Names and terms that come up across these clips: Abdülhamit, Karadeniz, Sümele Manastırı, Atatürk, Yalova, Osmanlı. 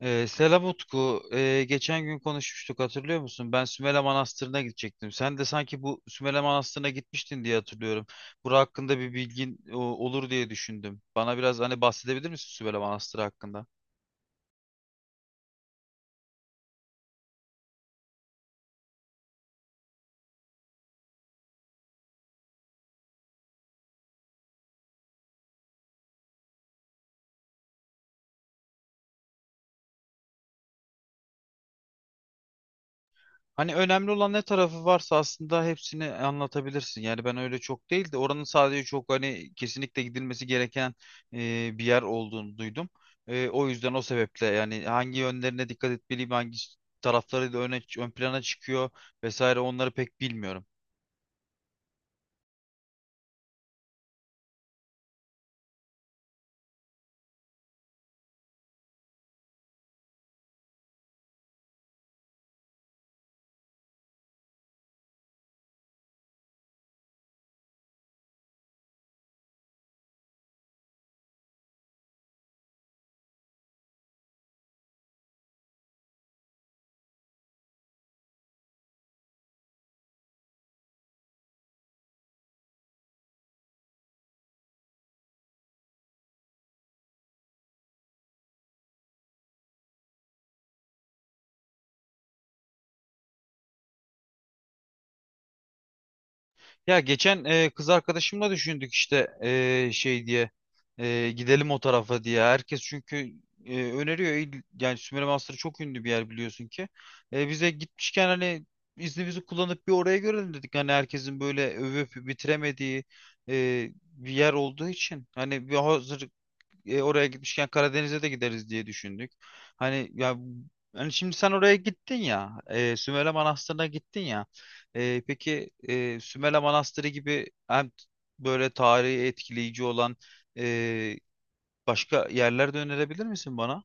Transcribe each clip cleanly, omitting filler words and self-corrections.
Selam Utku. Geçen gün konuşmuştuk, hatırlıyor musun? Ben Sümele Manastırı'na gidecektim. Sen de sanki bu Sümele Manastırı'na gitmiştin diye hatırlıyorum. Bura hakkında bir bilgin olur diye düşündüm. Bana biraz hani bahsedebilir misin Sümele Manastırı hakkında? Hani önemli olan ne tarafı varsa aslında hepsini anlatabilirsin. Yani ben öyle çok değil de oranın sadece çok hani kesinlikle gidilmesi gereken bir yer olduğunu duydum. O yüzden o sebeple yani hangi yönlerine dikkat etmeliyim, hangi tarafları da öne, ön plana çıkıyor vesaire onları pek bilmiyorum. Ya geçen kız arkadaşımla düşündük işte gidelim o tarafa diye. Herkes çünkü öneriyor. Yani Sümele Manastırı çok ünlü bir yer, biliyorsun ki. Bize gitmişken hani iznimizi kullanıp bir oraya görelim dedik. Hani herkesin böyle övüp bitiremediği bir yer olduğu için. Hani bir hazır oraya gitmişken Karadeniz'e de gideriz diye düşündük. Hani ya, hani şimdi sen oraya gittin ya, Sümele Manastırı'na gittin ya. Peki Sümele Manastırı gibi hem böyle tarihi etkileyici olan e, başka yerler de önerebilir misin bana?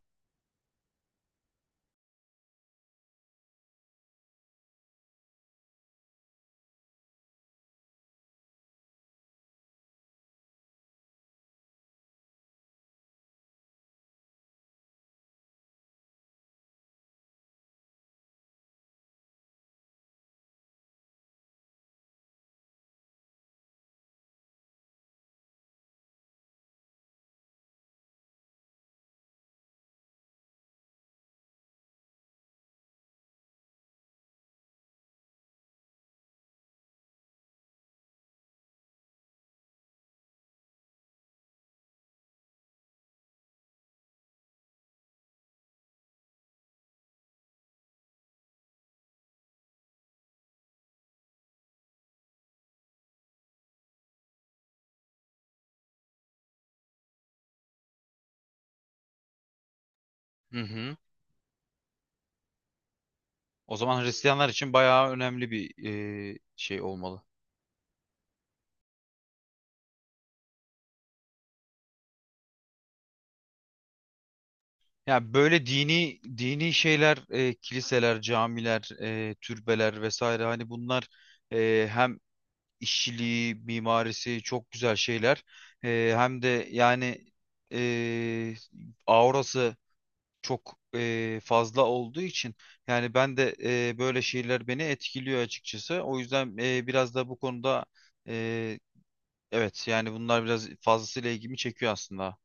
Hı hı. O zaman Hristiyanlar için bayağı önemli bir şey olmalı. Ya böyle dini dini şeyler, kiliseler, camiler, türbeler vesaire, hani bunlar hem işçiliği, mimarisi çok güzel şeyler. Hem de yani e, aurası çok fazla olduğu için yani ben de böyle şeyler beni etkiliyor açıkçası. O yüzden biraz da bu konuda e, evet, yani bunlar biraz fazlasıyla ilgimi çekiyor aslında.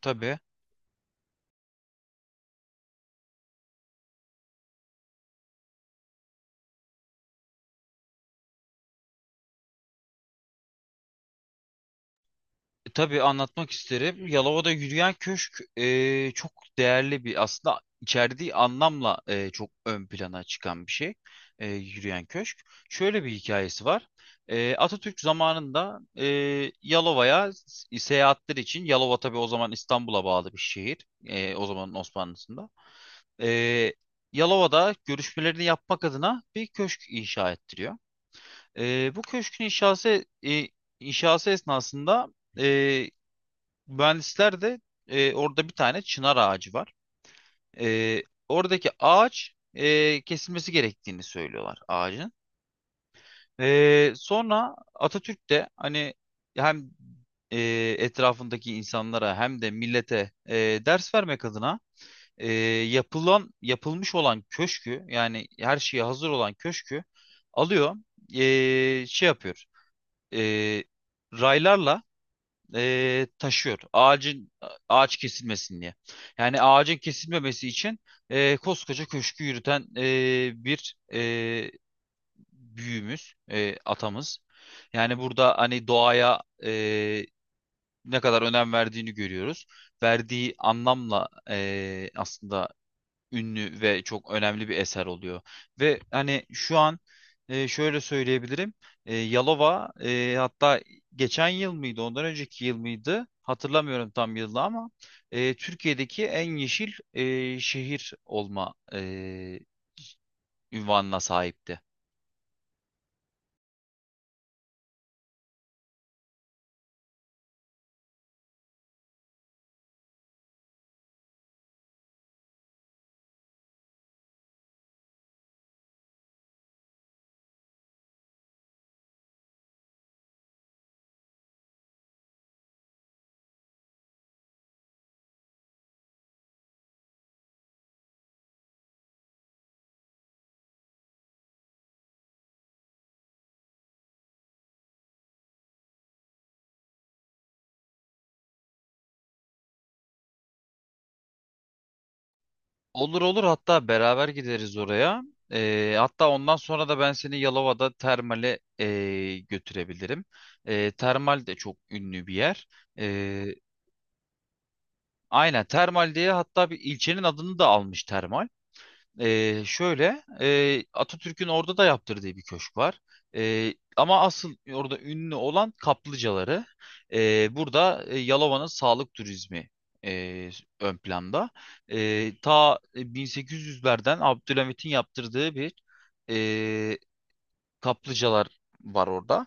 Tabii. Tabii anlatmak isterim. Yalova'da yürüyen köşk çok değerli bir, aslında içerdiği anlamla çok ön plana çıkan bir şey. Yürüyen köşk. Şöyle bir hikayesi var. Atatürk zamanında Yalova'ya seyahatler için, Yalova tabii o zaman İstanbul'a bağlı bir şehir. O zamanın Osmanlısında. E, Yalova'da görüşmelerini yapmak adına bir köşk inşa ettiriyor. Bu köşkün inşası esnasında e, mühendisler de orada bir tane çınar ağacı var. E, Oradaki ağaç kesilmesi gerektiğini söylüyorlar ağacın. Sonra Atatürk de hani hem e, etrafındaki insanlara hem de millete ders vermek adına e, yapılmış olan köşkü, yani her şeye hazır olan köşkü alıyor, şey yapıyor. E, Raylarla taşıyor. Ağaç kesilmesin diye. Yani ağacın kesilmemesi için koskoca köşkü yürüten bir büyüğümüz, atamız. Yani burada hani doğaya ne kadar önem verdiğini görüyoruz. Verdiği anlamla aslında ünlü ve çok önemli bir eser oluyor. Ve hani şu an şöyle söyleyebilirim. Yalova hatta geçen yıl mıydı, ondan önceki yıl mıydı, hatırlamıyorum tam yılı ama Türkiye'deki en yeşil şehir olma ünvanına sahipti. Olur olur, hatta beraber gideriz oraya. Hatta ondan sonra da ben seni Yalova'da termale götürebilirim. Termal de çok ünlü bir yer. E, Aynen, termal diye hatta bir ilçenin adını da almış, termal. Şöyle Atatürk'ün orada da yaptırdığı bir köşk var. Ama asıl orada ünlü olan kaplıcaları. Burada Yalova'nın sağlık turizmi e, ön planda. Ta 1800'lerden Abdülhamit'in yaptırdığı bir e, kaplıcalar var orada.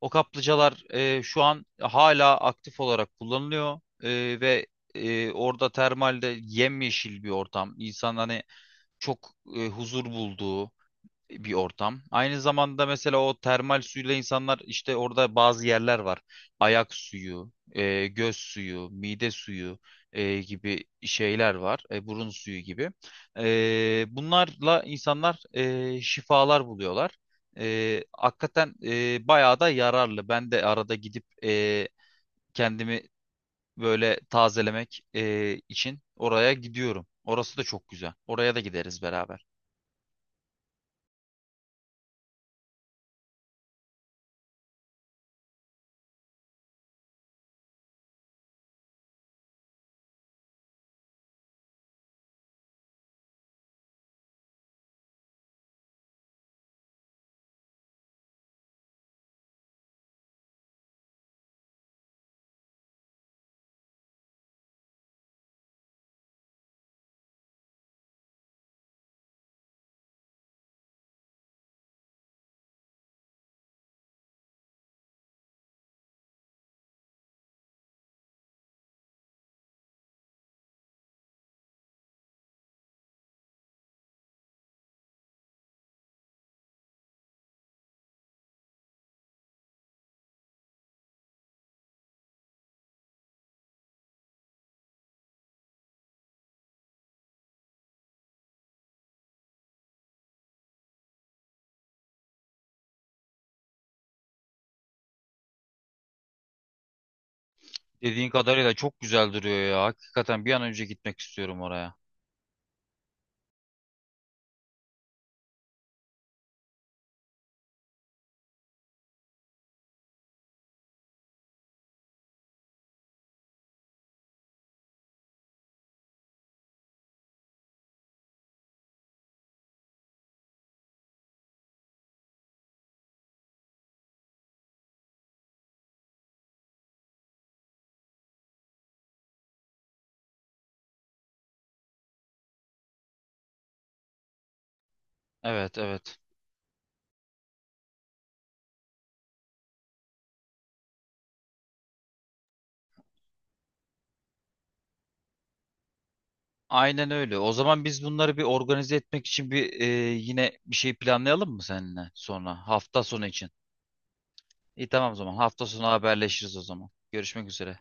O kaplıcalar şu an hala aktif olarak kullanılıyor. Ve orada termalde yemyeşil bir ortam. İnsan hani çok huzur bulduğu bir ortam. Aynı zamanda mesela o termal suyla insanlar işte, orada bazı yerler var. Ayak suyu, göz suyu, mide suyu gibi şeyler var. Burun suyu gibi. Bunlarla insanlar şifalar buluyorlar. Hakikaten bayağı da yararlı. Ben de arada gidip kendimi böyle tazelemek için oraya gidiyorum. Orası da çok güzel. Oraya da gideriz beraber. Dediğin kadarıyla çok güzel duruyor ya. Hakikaten bir an önce gitmek istiyorum oraya. Evet, evet. Aynen öyle. O zaman biz bunları bir organize etmek için yine bir şey planlayalım mı seninle sonra? Hafta sonu için. İyi, tamam o zaman. Hafta sonu haberleşiriz o zaman. Görüşmek üzere.